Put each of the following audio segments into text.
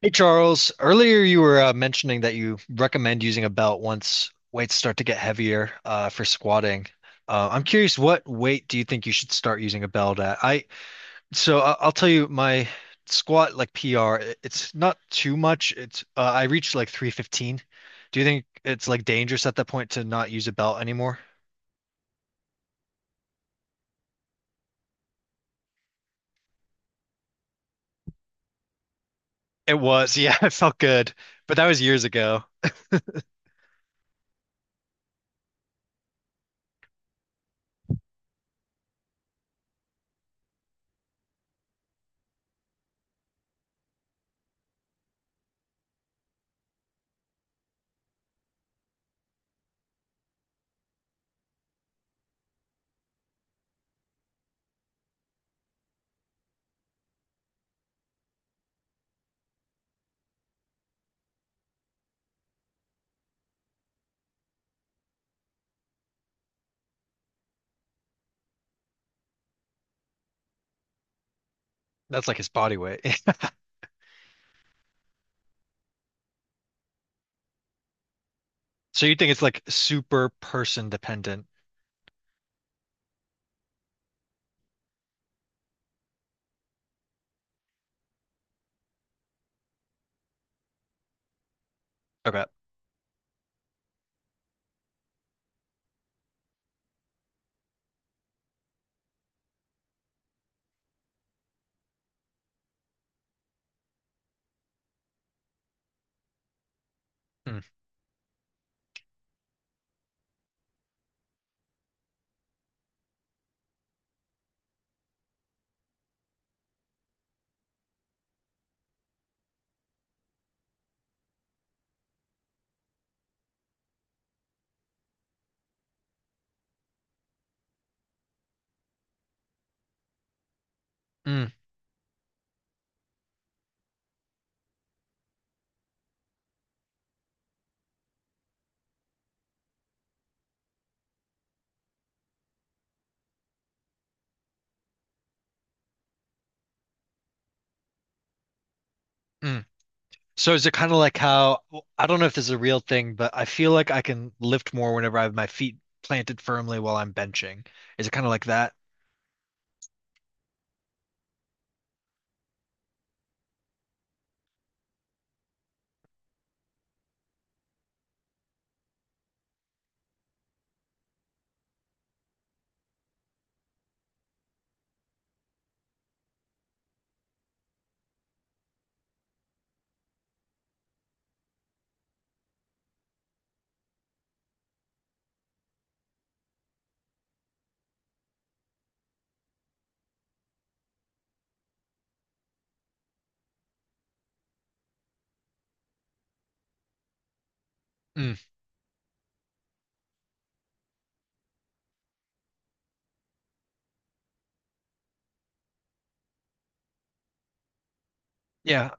Hey Charles, earlier you were mentioning that you recommend using a belt once weights start to get heavier for squatting. I'm curious, what weight do you think you should start using a belt at? I'll tell you my squat like PR. It's not too much. It's I reached like 315. Do you think it's like dangerous at that point to not use a belt anymore? It was, yeah, it felt good, but that was years ago. That's like his body weight. So you think it's like super person dependent? Okay. Mm, mm, mm. So is it kind of like how I don't know if this is a real thing, but I feel like I can lift more whenever I have my feet planted firmly while I'm benching. Is it kind of like that? Mm, yeah.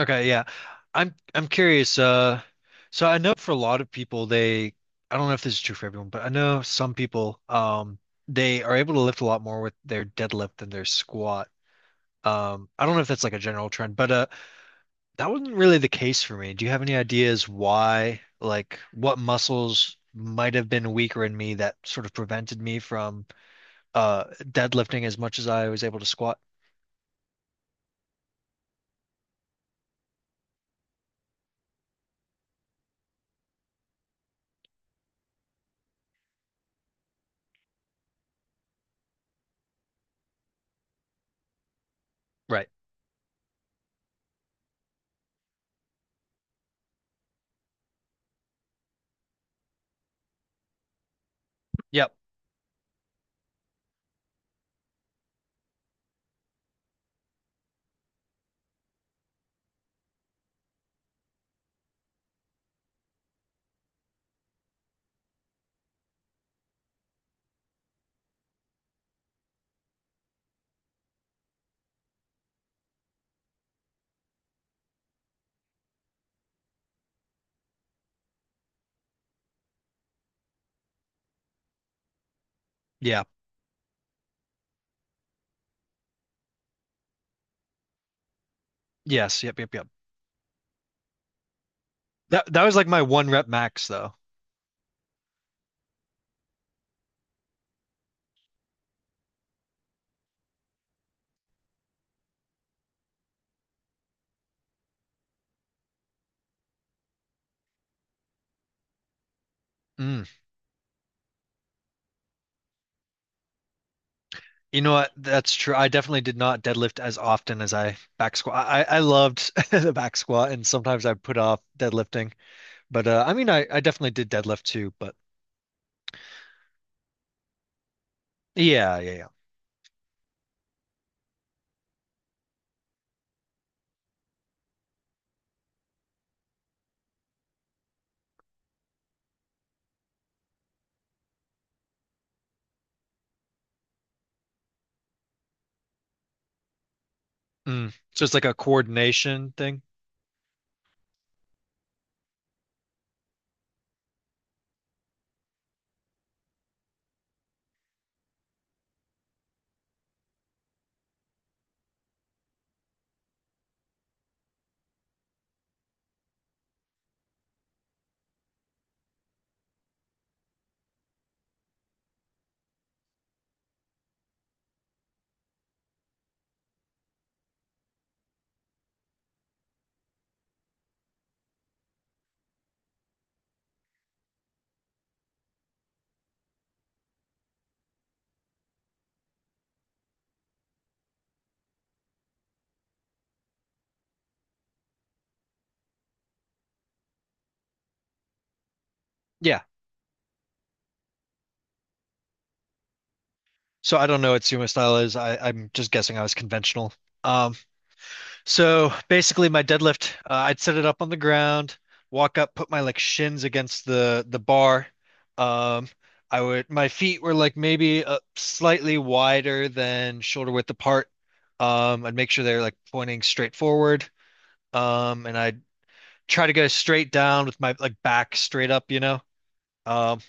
Okay, yeah. I'm curious. So I know for a lot of people, they I don't know if this is true for everyone, but I know some people they are able to lift a lot more with their deadlift than their squat. I don't know if that's like a general trend, but that wasn't really the case for me. Do you have any ideas why, like, what muscles might have been weaker in me that sort of prevented me from deadlifting as much as I was able to squat? Right. Yep. Yeah. Yes. Yep. Yep. Yep. That was like my one rep max though. Mm. You know what? That's true. I definitely did not deadlift as often as I back squat. I loved the back squat, and sometimes I put off deadlifting. But I mean, I definitely did deadlift too. But yeah, yeah, yeah. Mm. So it's like a coordination thing. Yeah. So I don't know what sumo style is. I'm just guessing I was conventional. Um, so basically my deadlift, I'd set it up on the ground, walk up, put my like shins against the bar. Um, I would my feet were like maybe slightly wider than shoulder width apart. I'd make sure they're like pointing straight forward. And I'd try to go straight down with my like back straight up, you know. Um,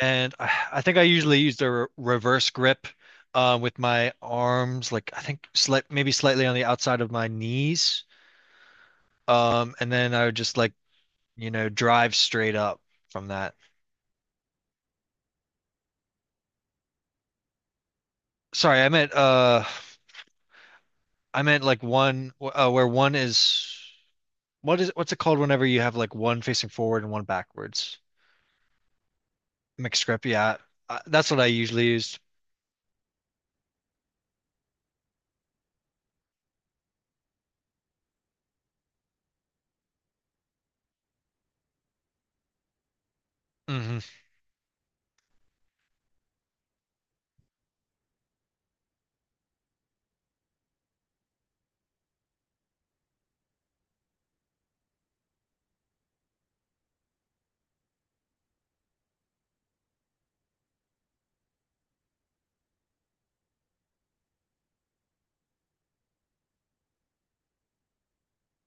And I think I usually use the re reverse grip with my arms, like I think maybe slightly on the outside of my knees. And then I would just like, you know, drive straight up from that. Sorry, I meant like one where one is what's it called whenever you have like one facing forward and one backwards? Mixed grip, yeah. That's what I usually use. Hmm.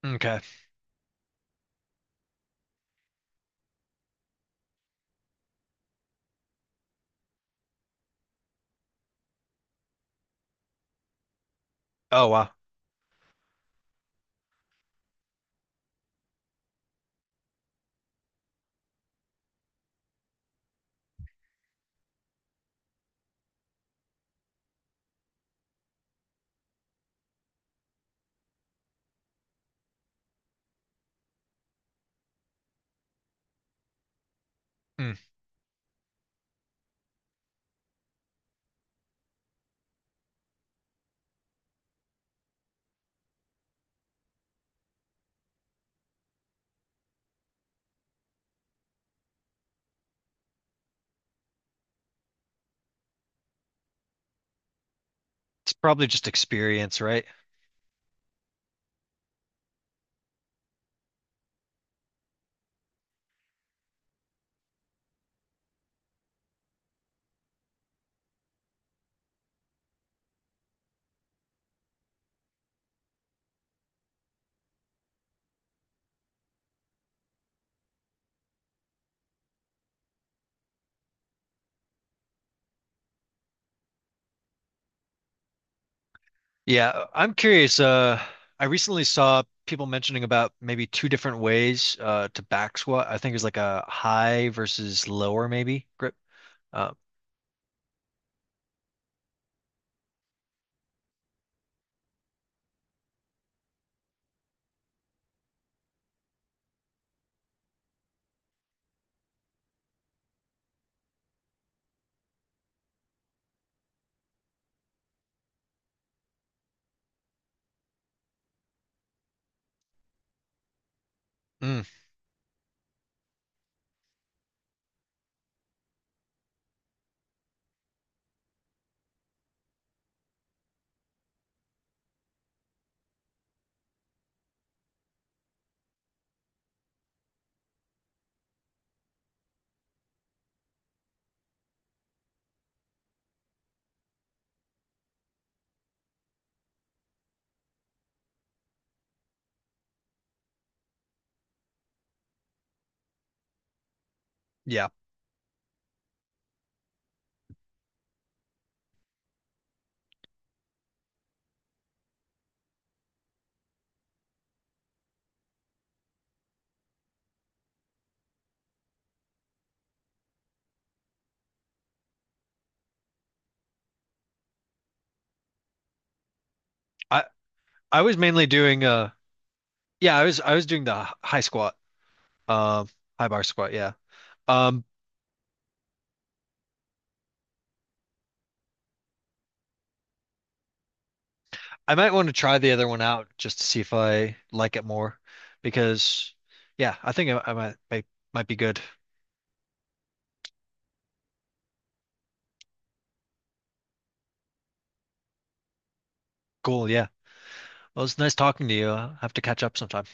Okay. Oh wow. Mm. It's probably just experience, right? Yeah, I'm curious. I recently saw people mentioning about maybe two different ways to back squat. I think it's like a high versus lower maybe grip. Uh, mm, yeah, I I was mainly doing yeah I was doing the high squat, um high bar squat. Yeah, um I might want to try the other one out just to see if I like it more because yeah I think might be good. Cool. Yeah. Well, it's nice talking to you. I have to catch up sometime.